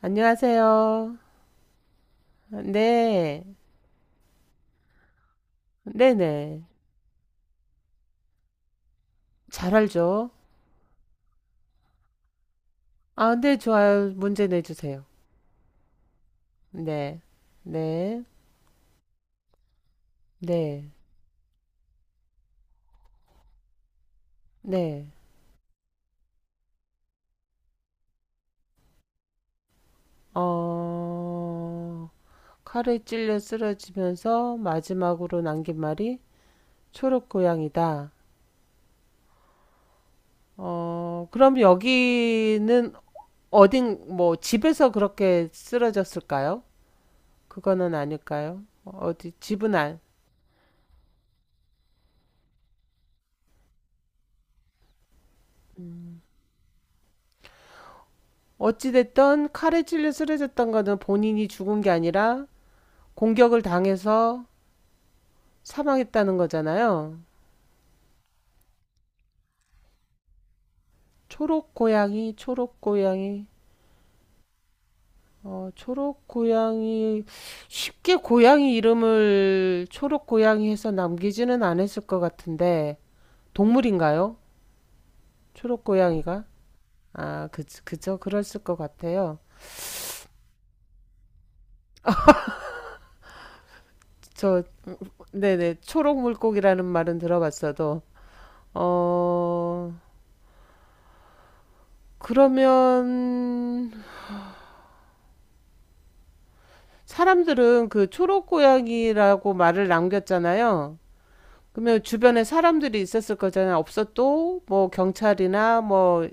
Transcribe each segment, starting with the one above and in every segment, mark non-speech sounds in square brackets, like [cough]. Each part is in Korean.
안녕하세요. 네. 네네. 잘 알죠? 아, 네, 좋아요. 문제 내주세요. 네. 네. 네. 네. 어, 칼에 찔려 쓰러지면서 마지막으로 남긴 말이 초록 고양이다. 그럼 여기는 어딘, 뭐, 집에서 그렇게 쓰러졌을까요? 그거는 아닐까요? 어, 어디, 집은 아, 어찌됐든 칼에 찔려 쓰러졌던 거는 본인이 죽은 게 아니라 공격을 당해서 사망했다는 거잖아요. 초록 고양이, 초록 고양이, 초록 고양이, 쉽게 고양이 이름을 초록 고양이 해서 남기지는 않았을 것 같은데, 동물인가요? 초록 고양이가? 아, 그, 그죠. 그랬을 것 같아요. 저, 네네. 초록 물고기라는 말은 들어봤어도, 어, 그러면, 사람들은 그 초록 고양이라고 말을 남겼잖아요. 그러면 주변에 사람들이 있었을 거잖아요. 없어도 뭐 경찰이나 뭐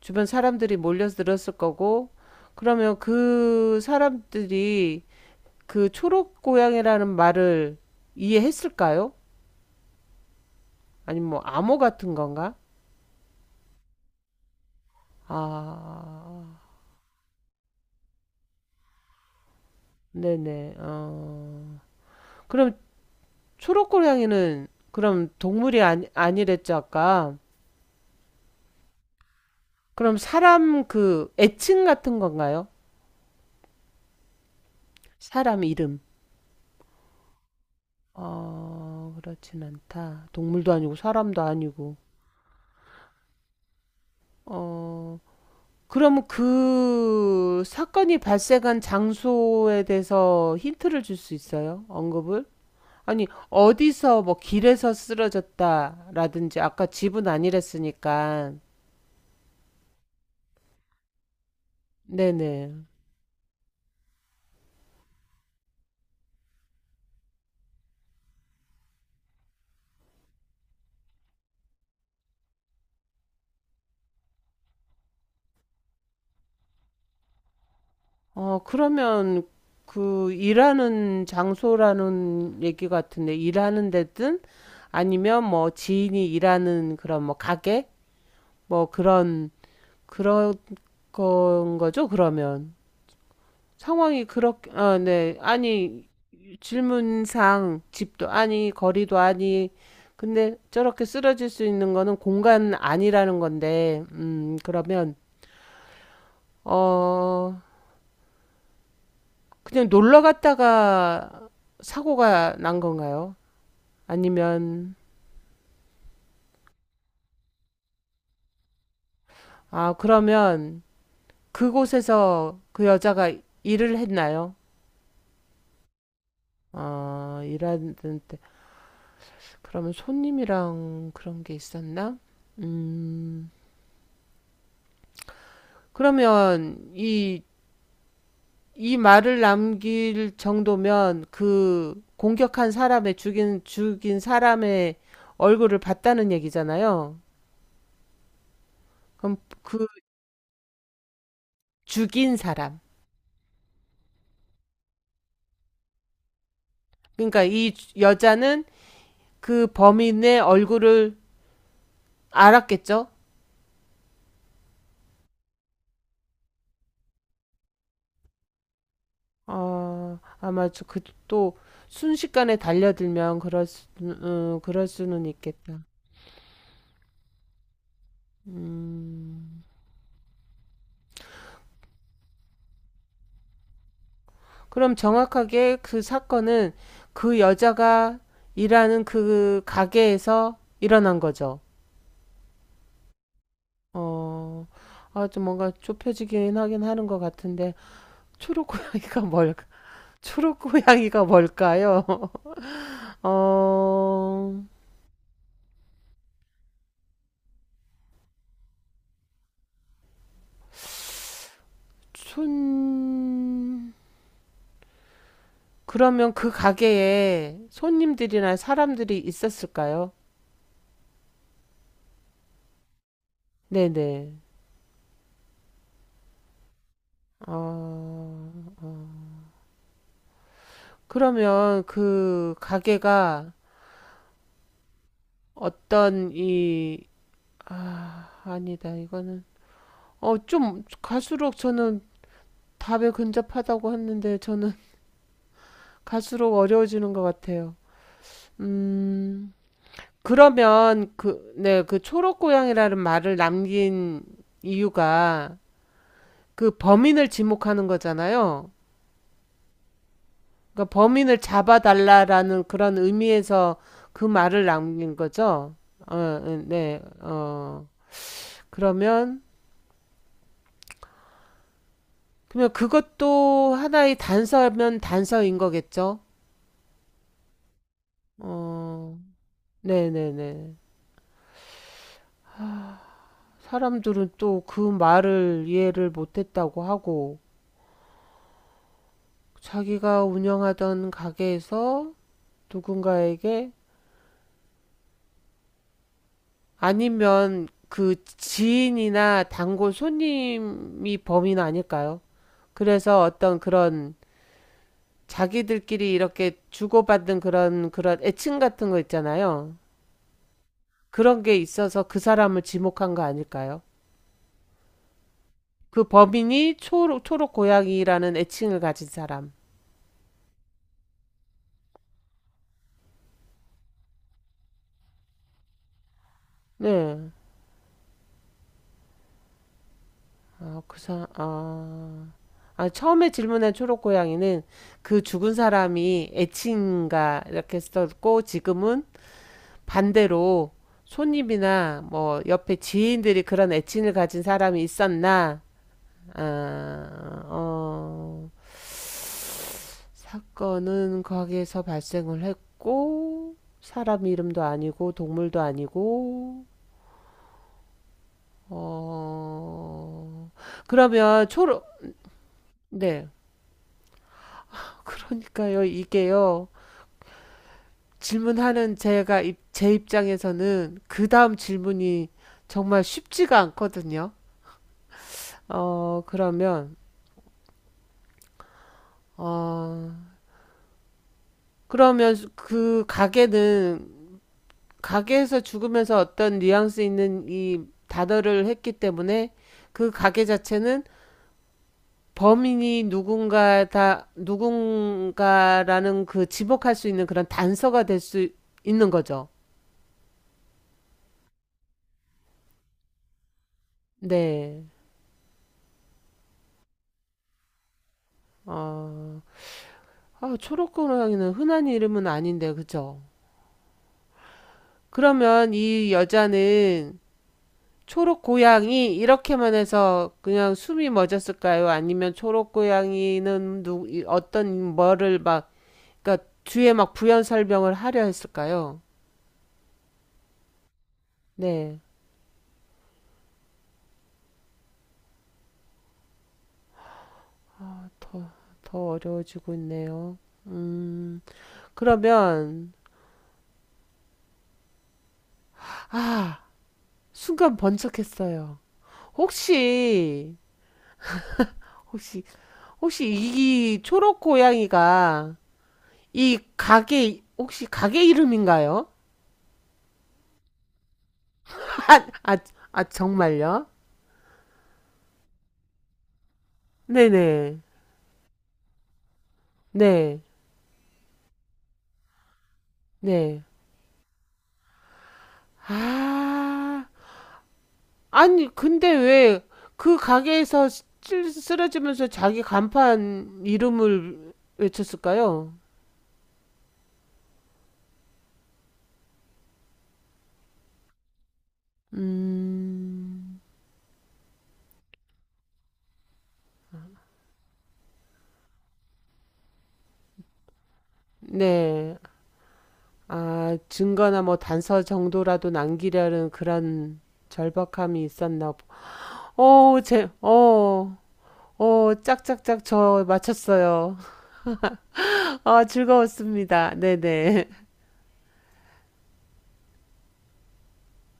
주변 사람들이 몰려들었을 거고. 그러면 그 사람들이 그 초록 고양이라는 말을 이해했을까요? 아니면 뭐 암호 같은 건가? 아, 네네. 어. 그럼 초록 고양이는 그럼 동물이 아니, 아니랬죠, 아까. 그럼 사람 그 애칭 같은 건가요? 사람 이름. 어, 그렇진 않다. 동물도 아니고 사람도 아니고. 어, 그럼 그 사건이 발생한 장소에 대해서 힌트를 줄 수 있어요? 언급을? 아니, 어디서 뭐 길에서 쓰러졌다라든지 아까 집은 아니랬으니까. 네네. 그러면 그 일하는 장소라는 얘기 같은데 일하는 데든 아니면 뭐 지인이 일하는 그런 뭐 가게 뭐 그런 그런 건 거죠, 그러면. 상황이 그렇게 아, 네. 아니 질문상 집도 아니 거리도 아니 근데 저렇게 쓰러질 수 있는 거는 공간 아니라는 건데 그러면 어 그냥 놀러 갔다가 사고가 난 건가요? 아니면, 아, 그러면 그곳에서 그 여자가 일을 했나요? 아, 일하는 때. 그러면 손님이랑 그런 게 있었나? 음, 그러면 이, 이 말을 남길 정도면 그 공격한 사람의 죽인, 죽인 사람의 얼굴을 봤다는 얘기잖아요. 그럼 그 죽인 사람. 그러니까 이 여자는 그 범인의 얼굴을 알았겠죠? 아, 아마 저 그 또 순식간에 달려들면 그럴 수, 그럴 수는 있겠다. 음. 그럼 정확하게 그 사건은 그 여자가 일하는 그 가게에서 일어난 거죠. 어, 아, 좀 뭔가 좁혀지긴 하긴 하는 것 같은데, 초록고양이가 뭘까? 초록고양이가 뭘까요? [laughs] 어, 순, 그러면 그 가게에 손님들이나 사람들이 있었을까요? 네네. 어, 그러면 그 가게가 어떤 이, 아, 아니다. 이거는, 어, 좀 갈수록 저는 답에 근접하다고 했는데 저는 [laughs] 갈수록 어려워지는 것 같아요. 음, 그러면 그, 네, 그 초록 고양이라는 말을 남긴 이유가 그 범인을 지목하는 거잖아요. 그러니까 범인을 잡아달라라는 그런 의미에서 그 말을 남긴 거죠. 어, 어, 네, 어. 그러면, 그러면 그것도 하나의 단서면 단서인 거겠죠? 어, 네네네. 사람들은 또 그 말을 이해를 못했다고 하고, 자기가 운영하던 가게에서 누군가에게 아니면 그 지인이나 단골 손님이 범인 아닐까요? 그래서 어떤 그런 자기들끼리 이렇게 주고받은 그런 애칭 같은 거 있잖아요. 그런 게 있어서 그 사람을 지목한 거 아닐까요? 그 범인이 초록 고양이라는 애칭을 가진 사람. 네. 아, 그 사, 아. 아, 처음에 질문한 초록 고양이는 그 죽은 사람이 애칭인가 이렇게 썼고 지금은 반대로 손님이나 뭐 옆에 지인들이 그런 애칭을 가진 사람이 있었나? 아, 어. 사건은 가게에서 발생을 했고, 사람 이름도 아니고, 동물도 아니고, 어, 그러면 초록, 네. 그러니까요, 이게요. 질문하는 제가, 제 입장에서는 그 다음 질문이 정말 쉽지가 않거든요. 그러면, 어, 그러면 그 가게는 가게에서 죽으면서 어떤 뉘앙스 있는 이 단어를 했기 때문에 그 가게 자체는 범인이 누군가 다 누군가라는 그 지목할 수 있는 그런 단서가 될 수 있는 거죠. 네. 어, 아, 초록고양이는 흔한 이름은 아닌데, 그죠? 그러면 이 여자는 초록고양이 이렇게만 해서 그냥 숨이 멎었을까요? 아니면 초록고양이는 누, 어떤 뭐를 막 그러니까 뒤에 막 부연 설명을 하려 했을까요? 네, 더 어려워지고 있네요. 음, 그러면 아, 순간 번쩍했어요. 혹시 혹시 혹시 이 초록 고양이가 이 가게 혹시 가게 이름인가요? 아, 아, 아 정말요? 네네. 네. 네. 아. 아니, 근데 왜 그 가게에서 쓰러지면서 자기 간판 이름을 외쳤을까요? 음, 네. 아, 증거나 뭐 단서 정도라도 남기려는 그런 절박함이 있었나 보. 어, 제, 어, 어, 짝짝짝 저 맞췄어요. [laughs] 아, 즐거웠습니다. 네네.